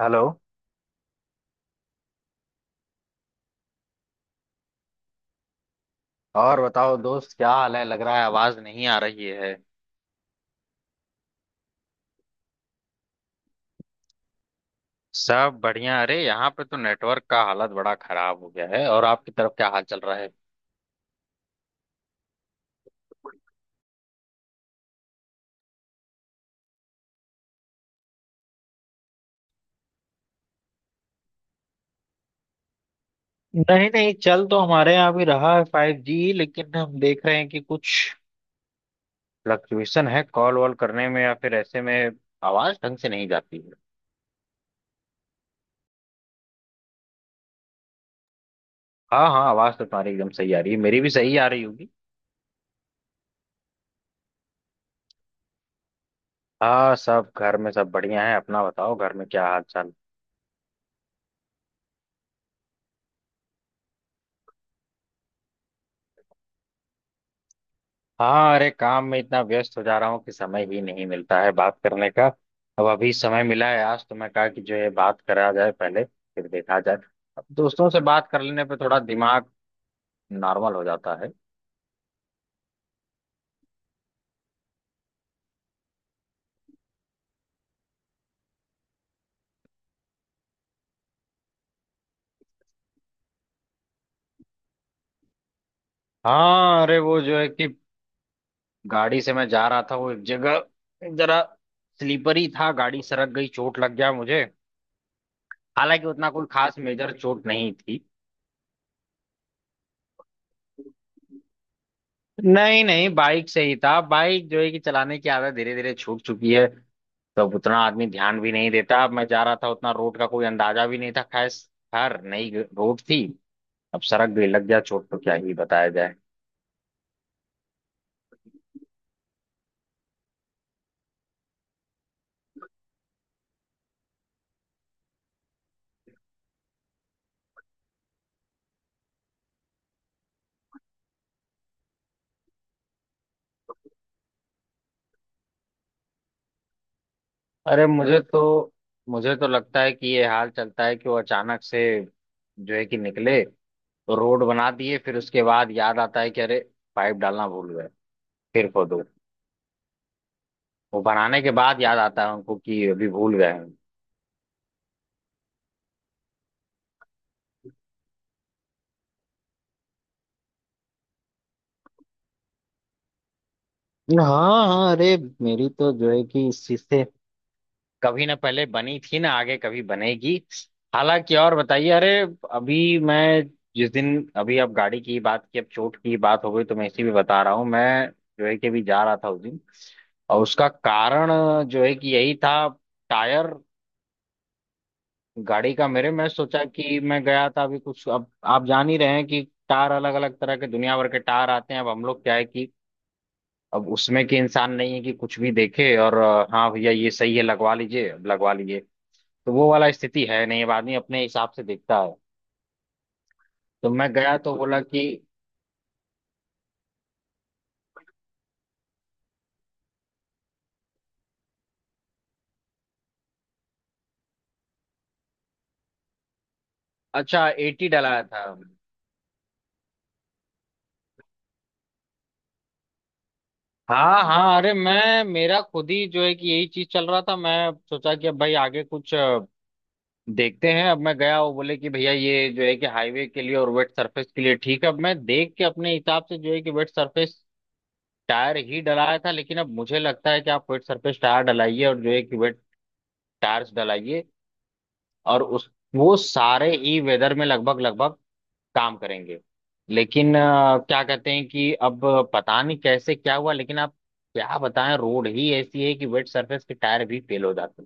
Hello. और बताओ दोस्त, क्या हाल है? लग रहा है आवाज नहीं आ रही है। सब बढ़िया। अरे यहाँ पे तो नेटवर्क का हालत बड़ा खराब हो गया है। और आपकी तरफ क्या हाल चल रहा है? नहीं नहीं, चल तो हमारे यहाँ भी रहा है 5G, लेकिन हम देख रहे हैं कि कुछ फ्लक्चुएशन है कॉल वॉल करने में, या फिर ऐसे में आवाज ढंग से नहीं जाती है। हाँ हाँ, आवाज तो तुम्हारी एकदम सही आ रही है, मेरी भी सही आ रही होगी। हाँ, सब घर में सब बढ़िया है। अपना बताओ, घर में क्या हाल चाल? हाँ, अरे काम में इतना व्यस्त हो जा रहा हूँ कि समय ही नहीं मिलता है बात करने का। अब अभी समय मिला है आज तो, मैं कहा कि जो है बात करा जाए पहले, फिर देखा जाए। अब दोस्तों से बात कर लेने पे थोड़ा दिमाग नॉर्मल हो जाता है। हाँ, अरे वो जो है कि गाड़ी से मैं जा रहा था, वो एक जगह जरा स्लीपर ही था, गाड़ी सरक गई, चोट लग गया मुझे। हालांकि उतना कोई खास मेजर चोट नहीं थी। नहीं नहीं, बाइक से ही था। बाइक जो है कि चलाने की आदत धीरे धीरे छूट चुकी है, तब उतना आदमी ध्यान भी नहीं देता। अब मैं जा रहा था, उतना रोड का कोई अंदाजा भी नहीं था। खैर खैर, नई रोड थी। अब सड़क भी लग गया, चोट तो क्या ही बताया जाए। अरे मुझे तो लगता है कि ये हाल चलता है कि वो अचानक से जो है कि निकले तो रोड बना दिए, फिर उसके बाद याद आता है कि अरे पाइप डालना भूल गए। फिर खोदो। वो बनाने के बाद याद आता है उनको कि अभी भूल गए हैं। हाँ हाँ, अरे मेरी तो जो है कि इस चीज से कभी ना पहले बनी थी, ना आगे कभी बनेगी। हालांकि, और बताइए। अरे अभी मैं, जिस दिन अभी आप गाड़ी की बात की, अब चोट की बात हो गई तो मैं इसी भी बता रहा हूँ। मैं जो है कि अभी जा रहा था उस दिन, और उसका कारण जो है कि यही था। टायर गाड़ी का मेरे, मैं सोचा कि मैं गया था अभी कुछ, अब आप जान ही रहे हैं कि टायर अलग अलग तरह के दुनिया भर के टायर आते हैं। अब हम लोग क्या है कि अब उसमें के इंसान नहीं है कि कुछ भी देखे और हाँ भैया ये सही है लगवा लीजिए, अब लगवा लीजिए, तो वो वाला स्थिति है नहीं। अब आदमी अपने हिसाब से देखता है तो मैं गया तो बोला कि अच्छा, AT डलाया था? हाँ हाँ, अरे मैं मेरा खुद ही जो है कि यही चीज चल रहा था। मैं सोचा कि अब भाई आगे कुछ देखते हैं। अब मैं गया, वो बोले कि भैया ये जो है कि हाईवे के लिए और वेट सरफेस के लिए ठीक है। अब मैं देख के अपने हिसाब से जो है कि वेट सरफेस टायर ही डलाया था, लेकिन अब मुझे लगता है कि आप वेट सरफेस टायर डलाइए और जो है कि वेट टायर्स डलाइए, और उस वो सारे ही वेदर में लगभग लगभग काम करेंगे। लेकिन क्या कहते हैं कि अब पता नहीं कैसे क्या हुआ, लेकिन आप क्या बताएं, रोड ही ऐसी है कि वेट सरफेस के टायर भी फेल हो जाते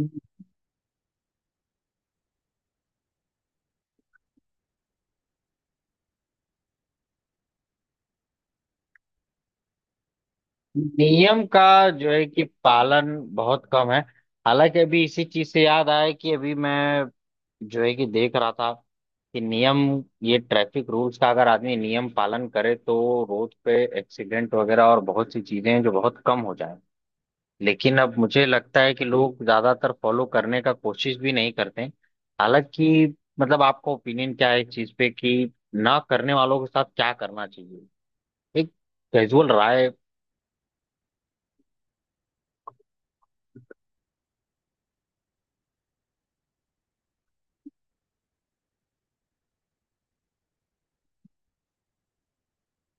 हैं। नियम का जो है कि पालन बहुत कम है। हालांकि अभी इसी चीज से याद आया कि अभी मैं जो है कि देख रहा था कि नियम, ये ट्रैफिक रूल्स का अगर आदमी नियम पालन करे तो रोड पे एक्सीडेंट वगैरह और बहुत सी चीजें हैं जो बहुत कम हो। लेकिन अब मुझे लगता है कि लोग ज्यादातर फॉलो करने का कोशिश भी नहीं करते हैं। हालांकि, मतलब आपका ओपिनियन क्या है इस चीज पे, कि ना करने वालों के साथ क्या करना चाहिए? एक कैजुअल राय।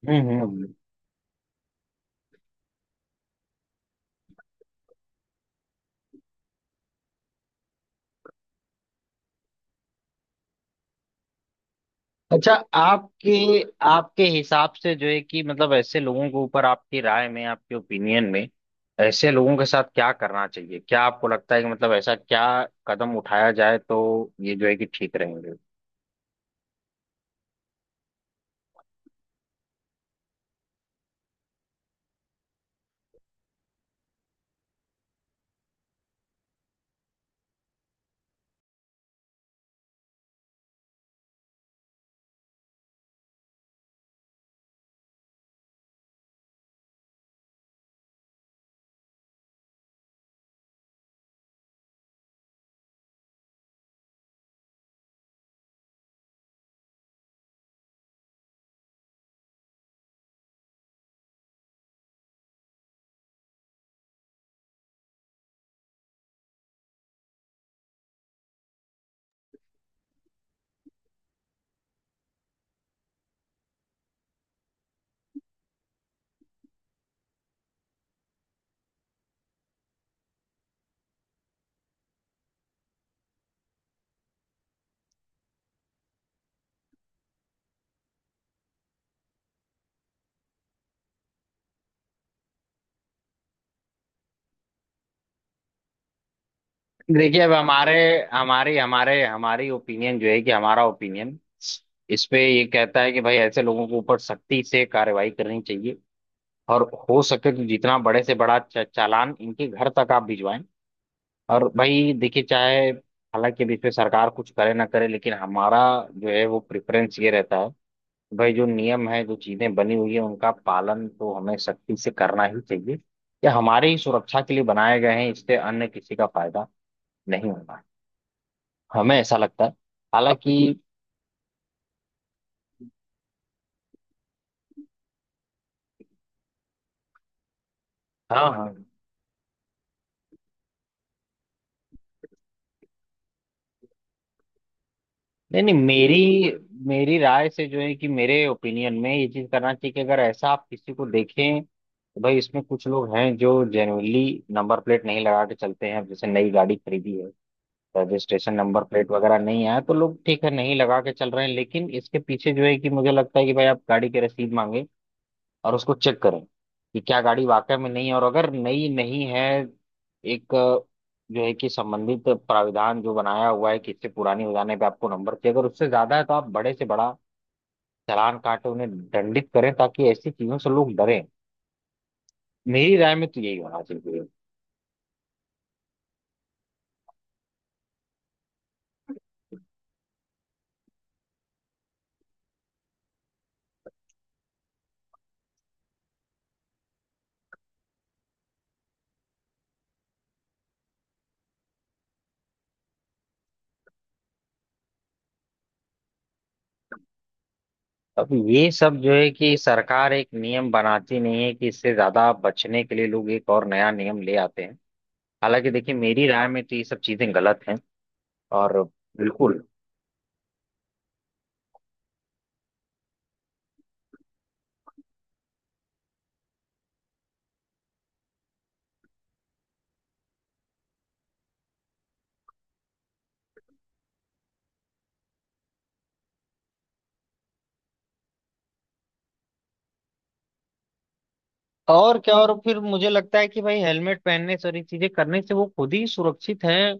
हम्म हम्म। अच्छा, आपके आपके हिसाब से जो है कि मतलब ऐसे लोगों के ऊपर आपकी राय में, आपके ओपिनियन में ऐसे लोगों के साथ क्या करना चाहिए? क्या आपको लगता है कि मतलब ऐसा क्या कदम उठाया जाए तो ये जो है कि ठीक रहेंगे? देखिए, अब हमारे हमारी ओपिनियन जो है कि हमारा ओपिनियन इस पे ये कहता है कि भाई ऐसे लोगों के ऊपर सख्ती से कार्रवाई करनी चाहिए। और हो सके तो जितना बड़े से बड़ा चालान इनके घर तक आप भिजवाएं। और भाई देखिए, चाहे हालांकि अभी इस पे सरकार कुछ करे ना करे, लेकिन हमारा जो है वो प्रेफरेंस ये रहता है कि भाई जो नियम है, जो चीजें बनी हुई है, उनका पालन तो हमें सख्ती से करना ही चाहिए। ये हमारी ही सुरक्षा के लिए बनाए गए हैं, इससे अन्य किसी का फायदा नहीं होना, हमें ऐसा लगता है। हालांकि, हाँ हाँ, नहीं नहीं, मेरी मेरी राय से जो है कि मेरे ओपिनियन में ये चीज करना चाहिए कि अगर ऐसा आप किसी को देखें तो भाई इसमें कुछ लोग हैं जो जेन्युइनली नंबर प्लेट नहीं लगा के चलते हैं। अब जैसे नई गाड़ी खरीदी है, रजिस्ट्रेशन नंबर प्लेट वगैरह नहीं आया तो लोग ठीक है नहीं लगा के चल रहे हैं, लेकिन इसके पीछे जो है कि मुझे लगता है कि भाई आप गाड़ी की रसीद मांगे और उसको चेक करें कि क्या गाड़ी वाकई में नई है। और अगर नई नहीं है, एक जो है कि संबंधित प्राविधान जो बनाया हुआ है कि इससे पुरानी हो जाने पे आपको नंबर चाहिए, अगर उससे ज्यादा है तो आप बड़े से बड़ा चालान काटे, उन्हें दंडित करें ताकि ऐसी चीजों से लोग डरें। मेरी राय में तो यही होना चाहिए। अब ये सब जो है कि सरकार एक नियम बनाती नहीं है कि इससे ज्यादा बचने के लिए लोग एक और नया नियम ले आते हैं। हालांकि देखिए, मेरी राय में तो ये सब चीजें गलत हैं। और बिल्कुल, और क्या, और फिर मुझे लगता है कि भाई हेलमेट पहनने सारी चीजें करने से वो खुद ही सुरक्षित हैं।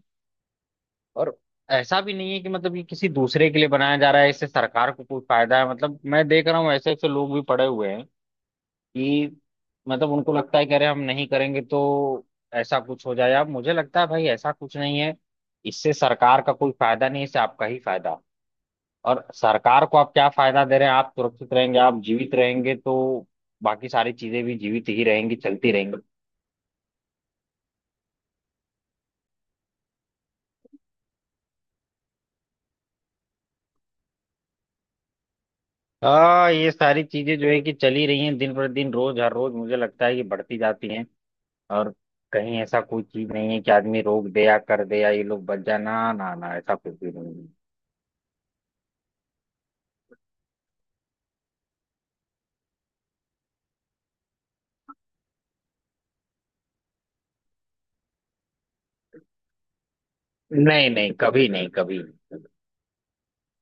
और ऐसा भी नहीं है कि मतलब ये किसी दूसरे के लिए बनाया जा रहा है, इससे सरकार को कोई फायदा है। मतलब मैं देख रहा हूँ ऐसे ऐसे लोग भी पड़े हुए हैं कि मतलब उनको लगता है कि अरे हम नहीं करेंगे तो ऐसा कुछ हो जाए। अब मुझे लगता है भाई ऐसा कुछ नहीं है। इससे सरकार का कोई फायदा नहीं है, इससे आपका ही फायदा। और सरकार को आप क्या फायदा दे रहे हैं? आप सुरक्षित रहेंगे, आप जीवित रहेंगे तो बाकी सारी चीजें भी जीवित ही रहेंगी, चलती रहेंगी। हाँ, ये सारी चीजें जो है कि चली रही हैं, दिन पर दिन, रोज हर रोज मुझे लगता है कि बढ़ती जाती हैं। और कहीं ऐसा कोई चीज नहीं है कि आदमी रोक दे या कर दे या ये लोग बच जाए। ना ना ना, ऐसा कुछ भी नहीं है। नहीं नहीं, कभी नहीं, कभी नहीं।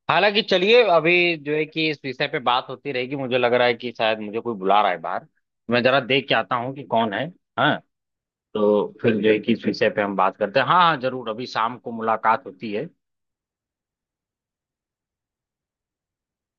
हालांकि चलिए, अभी जो है कि इस विषय पे बात होती रहेगी। मुझे लग रहा है कि शायद मुझे कोई बुला रहा है बाहर, मैं जरा देख के आता हूँ कि कौन है। हाँ, तो फिर जो है कि इस विषय पे हम बात करते हैं। हाँ हाँ, जरूर। अभी शाम को मुलाकात होती है।